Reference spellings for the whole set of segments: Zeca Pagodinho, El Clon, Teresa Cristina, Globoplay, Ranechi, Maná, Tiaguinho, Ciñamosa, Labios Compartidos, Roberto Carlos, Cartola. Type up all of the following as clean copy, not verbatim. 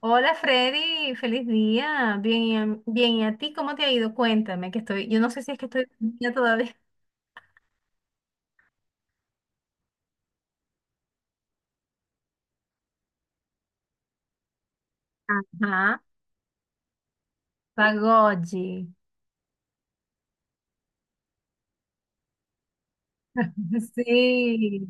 Hola Freddy, feliz día. Bien, bien, ¿y a ti cómo te ha ido? Cuéntame, yo no sé si es que estoy dormida todavía. Ajá, Pagochi. Sí,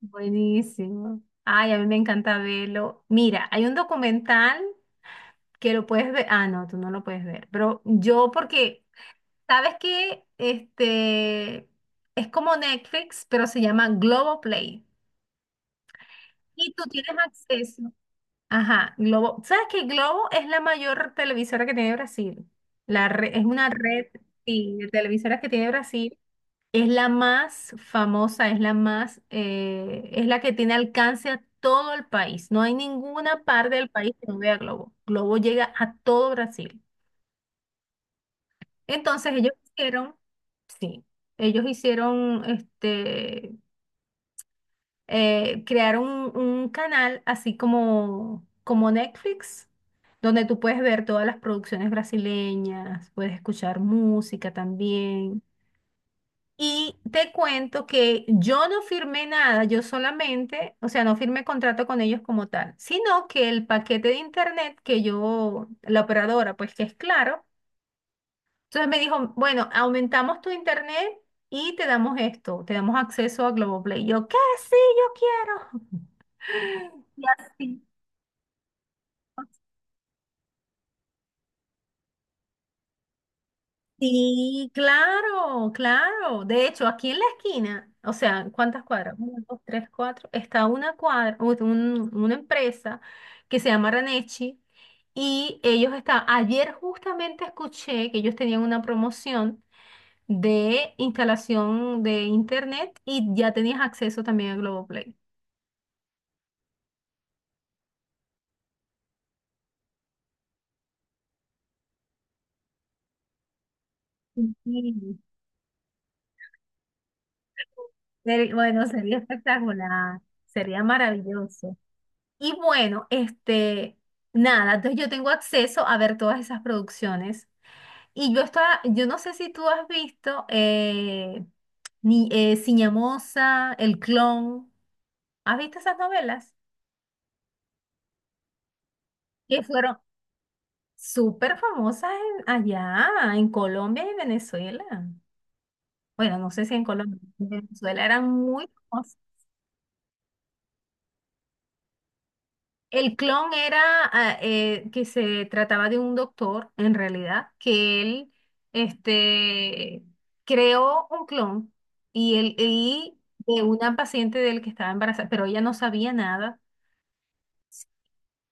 buenísimo. Ay, a mí me encanta verlo. Mira, hay un documental que lo puedes ver. Ah, no, tú no lo puedes ver. Pero yo, porque, ¿sabes qué? Este es como Netflix, pero se llama Globoplay. Y tú tienes acceso. Ajá, Globo. ¿Sabes que Globo es la mayor televisora que tiene Brasil? Es una red, sí, de televisoras que tiene Brasil. Es la más famosa, es la más, es la que tiene alcance a todo el país. No hay ninguna parte del país que no vea Globo. Globo llega a todo Brasil. Entonces ellos hicieron, sí, ellos hicieron este. Crearon un canal así como, como Netflix, donde tú puedes ver todas las producciones brasileñas, puedes escuchar música también. Y te cuento que yo no firmé nada, yo solamente, o sea, no firmé contrato con ellos como tal, sino que el paquete de internet que yo, la operadora, pues que es claro, entonces me dijo, bueno, aumentamos tu internet y te damos esto, te damos acceso a Globoplay. Yo, ¿qué? Sí, yo quiero. Y así. Sí, claro, claro. De hecho, aquí en la esquina, o sea, ¿cuántas cuadras? Uno, dos, tres, cuatro. Está una cuadra, una empresa que se llama Ranechi y ellos están, ayer justamente escuché que ellos tenían una promoción de instalación de internet y ya tenías acceso también a Globoplay. Sí, sí. Pero, bueno, sería espectacular, sería maravilloso. Y bueno, este, nada, entonces yo tengo acceso a ver todas esas producciones. Y yo estaba, yo no sé si tú has visto ni, Ciñamosa, El Clon. ¿Has visto esas novelas? Que fueron súper famosas allá, en Colombia y Venezuela. Bueno, no sé si en Colombia, en Venezuela eran muy famosas. El clon era que se trataba de un doctor, en realidad, que él este, creó un clon y, él, y de una paciente de él que estaba embarazada, pero ella no sabía nada,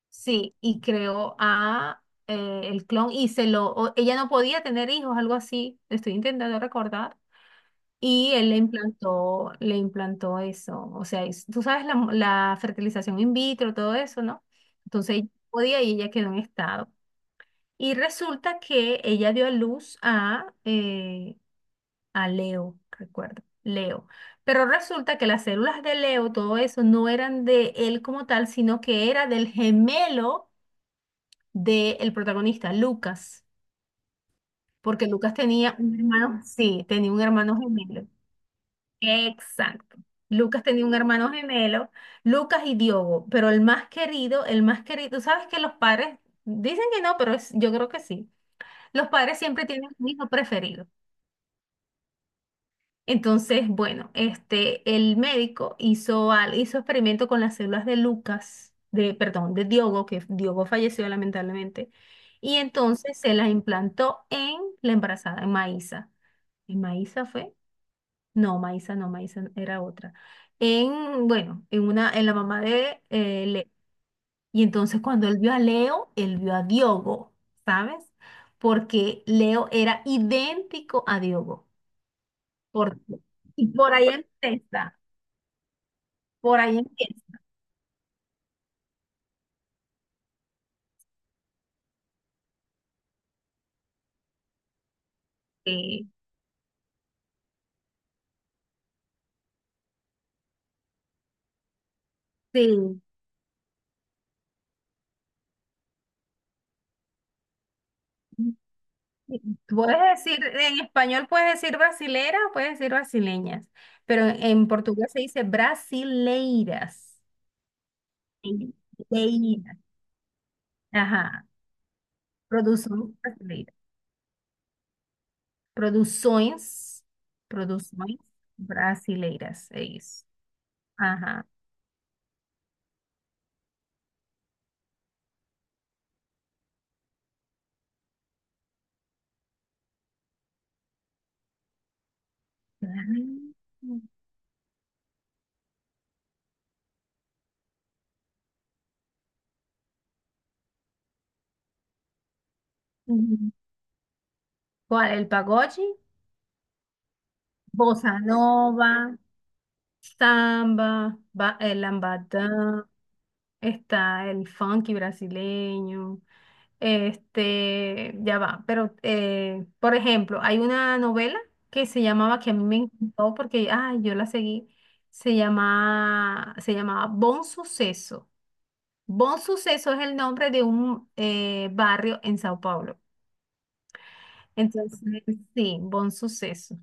sí, y creó a el clon y se lo, ella no podía tener hijos, algo así, estoy intentando recordar, y él le implantó eso. O sea, tú sabes la, la fertilización in vitro, todo eso, ¿no? Entonces ella podía y ella quedó en estado. Y resulta que ella dio a luz a Leo, recuerdo, Leo. Pero resulta que las células de Leo, todo eso, no eran de él como tal, sino que era del gemelo del protagonista, Lucas. Porque Lucas tenía un hermano, sí, tenía un hermano gemelo. Exacto. Lucas tenía un hermano gemelo, Lucas y Diogo, pero el más querido, tú sabes que los padres dicen que no, pero yo creo que sí. Los padres siempre tienen un hijo preferido. Entonces, bueno, este, el médico hizo, hizo experimento con las células de Lucas, de, perdón, de Diogo, que Diogo falleció lamentablemente, y entonces se las implantó en la embarazada, en Maísa. ¿En Maísa fue? No, Maisa, no, Maisa era otra. En, bueno, en una, en la mamá de Leo. Y entonces cuando él vio a Leo, él vio a Diogo, ¿sabes? Porque Leo era idéntico a Diogo. Por, y por ahí empieza, por ahí empieza. Sí, sí. Puedes decir, en español puedes decir brasilera, puedes decir brasileñas, pero en portugués se dice brasileiras. Brasileiras. Ajá. Produções brasileiras. Produções, produções brasileiras, é isso. Ajá. Uhum. Qual é pagode? Bossa nova, samba, el lambadán, está el funky brasileño, este, ya va, pero por ejemplo, hay una novela que se llamaba, que a mí me encantó porque, ay, yo la seguí, se llama, se llamaba Bon Suceso. Bon Suceso es el nombre de un barrio en Sao Paulo. Entonces, sí, Bon Suceso.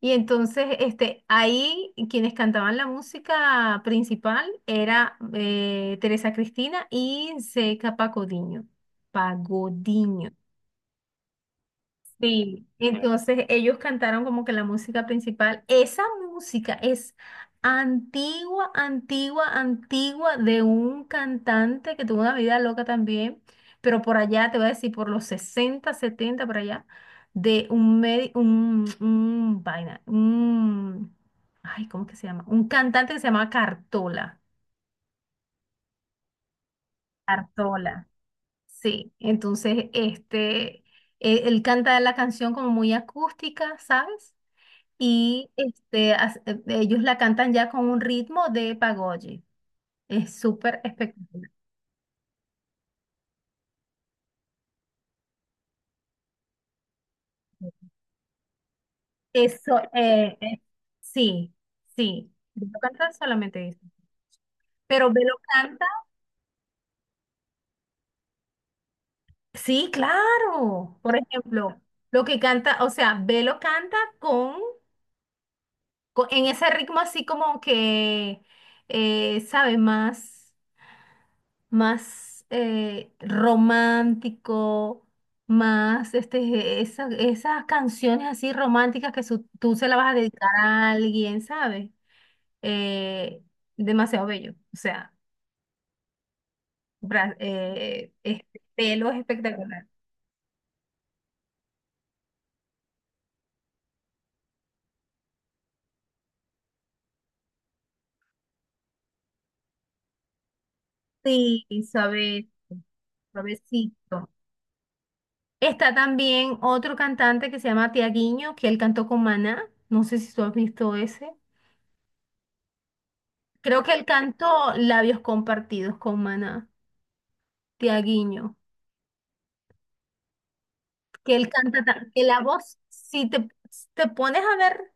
Y entonces, este, ahí quienes cantaban la música principal era Teresa Cristina y Zeca Pagodinho. Pagodinho. Sí, entonces ellos cantaron como que la música principal, esa música es antigua, antigua, antigua de un cantante que tuvo una vida loca también, pero por allá, te voy a decir, por los 60, 70 por allá, de un, un vaina, un, ay, ¿cómo que se llama? Un cantante que se llama Cartola. Cartola, sí. Entonces, este, él canta la canción como muy acústica, ¿sabes? Y este, ellos la cantan ya con un ritmo de pagode. Es súper espectacular. Eso, sí, sí. Velo cantar solamente eso. Pero Velo canta, sí, claro. Por ejemplo, lo que canta, o sea, Velo canta con, en ese ritmo así como que, sabe más. Más romántico, más este, esas canciones así románticas tú se las vas a dedicar a alguien, ¿sabes? Eh, demasiado bello, o sea, este pelo es espectacular. Sí, suave, suavecito. Está también otro cantante que se llama Tiaguinho, que él cantó con Maná, no sé si tú has visto ese. Creo que él cantó Labios Compartidos con Maná, Tiaguinho. Que él canta, que la voz, si te, si te pones a ver,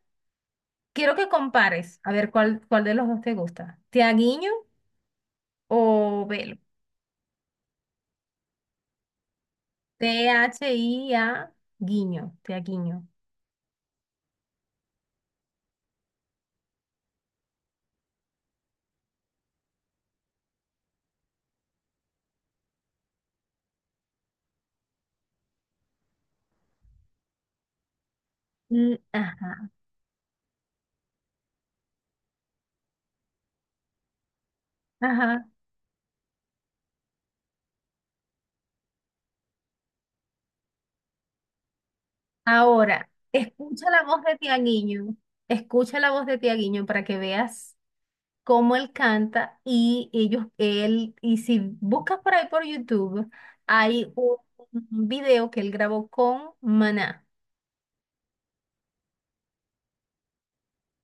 quiero que compares, a ver cuál, cuál de los dos te gusta, Tiaguiño o Velo, THIA, Guiño, Tiaguiño. Mm, ajá, ajá. Ahora, escucha la voz de Tiaguiño, escucha la voz de Tiaguiño para que veas cómo él canta y ellos, él, y si buscas por ahí por YouTube, hay un video que él grabó con Maná.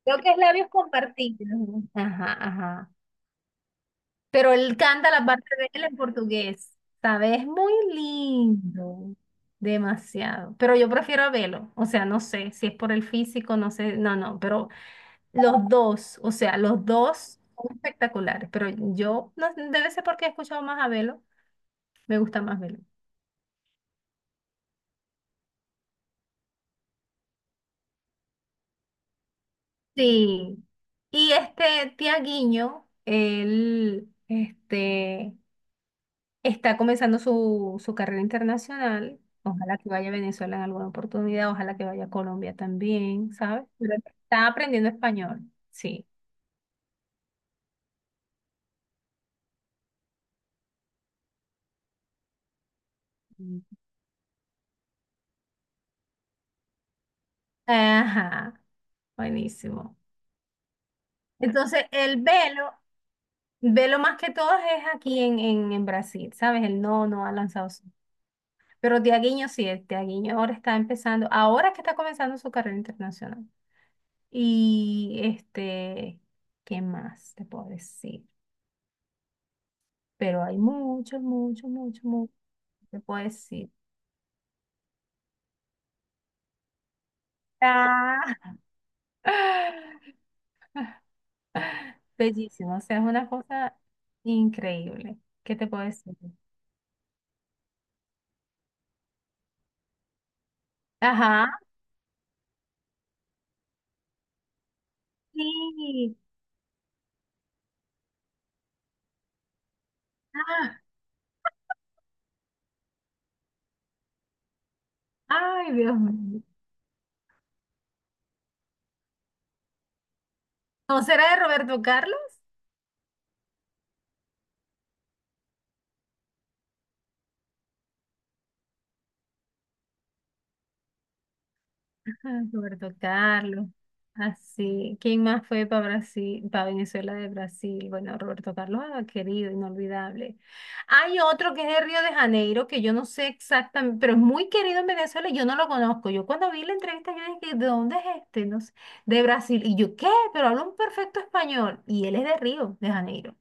Creo que es labios compartidos. Ajá, ajá. Pero él canta la parte de él en portugués, ¿sabes? Es muy lindo, demasiado. Pero yo prefiero a Velo, o sea, no sé si es por el físico, no sé, no, no, pero los dos, o sea, los dos son espectaculares, pero yo, no, debe ser porque he escuchado más a Velo, me gusta más Velo. Sí. Y este Tiaguinho, él, este... está comenzando su, su carrera internacional. Ojalá que vaya a Venezuela en alguna oportunidad, ojalá que vaya a Colombia también, ¿sabes? Pero está aprendiendo español, sí. Mm. Ajá, buenísimo. Entonces, el velo, velo más que todo es aquí en Brasil, ¿sabes? Él no, no ha lanzado su... Pero Tiaguinho sí, el Tiaguinho ahora está empezando, ahora es que está comenzando su carrera internacional. Y este, ¿qué más te puedo decir? Pero hay mucho, mucho, mucho, mucho, te puedo decir. Ah. Bellísimo, o sea, es una cosa increíble. ¿Qué te puedo decir? Ajá, sí. Ah, ay, Dios mío. ¿No será de Roberto Carlos? Ah, Roberto Carlos. Así. ¿Quién más fue para Brasil, para Venezuela de Brasil? Bueno, Roberto Carlos, ah, querido, inolvidable. Hay otro que es de Río de Janeiro, que yo no sé exactamente, pero es muy querido en Venezuela y yo no lo conozco. Yo cuando vi la entrevista, yo dije, ¿de dónde es este? No sé, de Brasil. Y yo, ¿qué? Pero habla un perfecto español. Y él es de Río de Janeiro.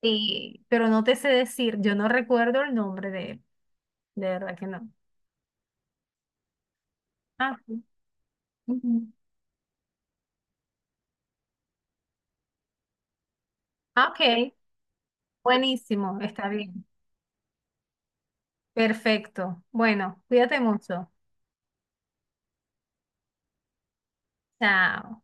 Y, pero no te sé decir, yo no recuerdo el nombre de él. De verdad que no. Ah, sí. Ujú. Ah, ok, buenísimo, está bien. Perfecto. Bueno, cuídate mucho. Chao.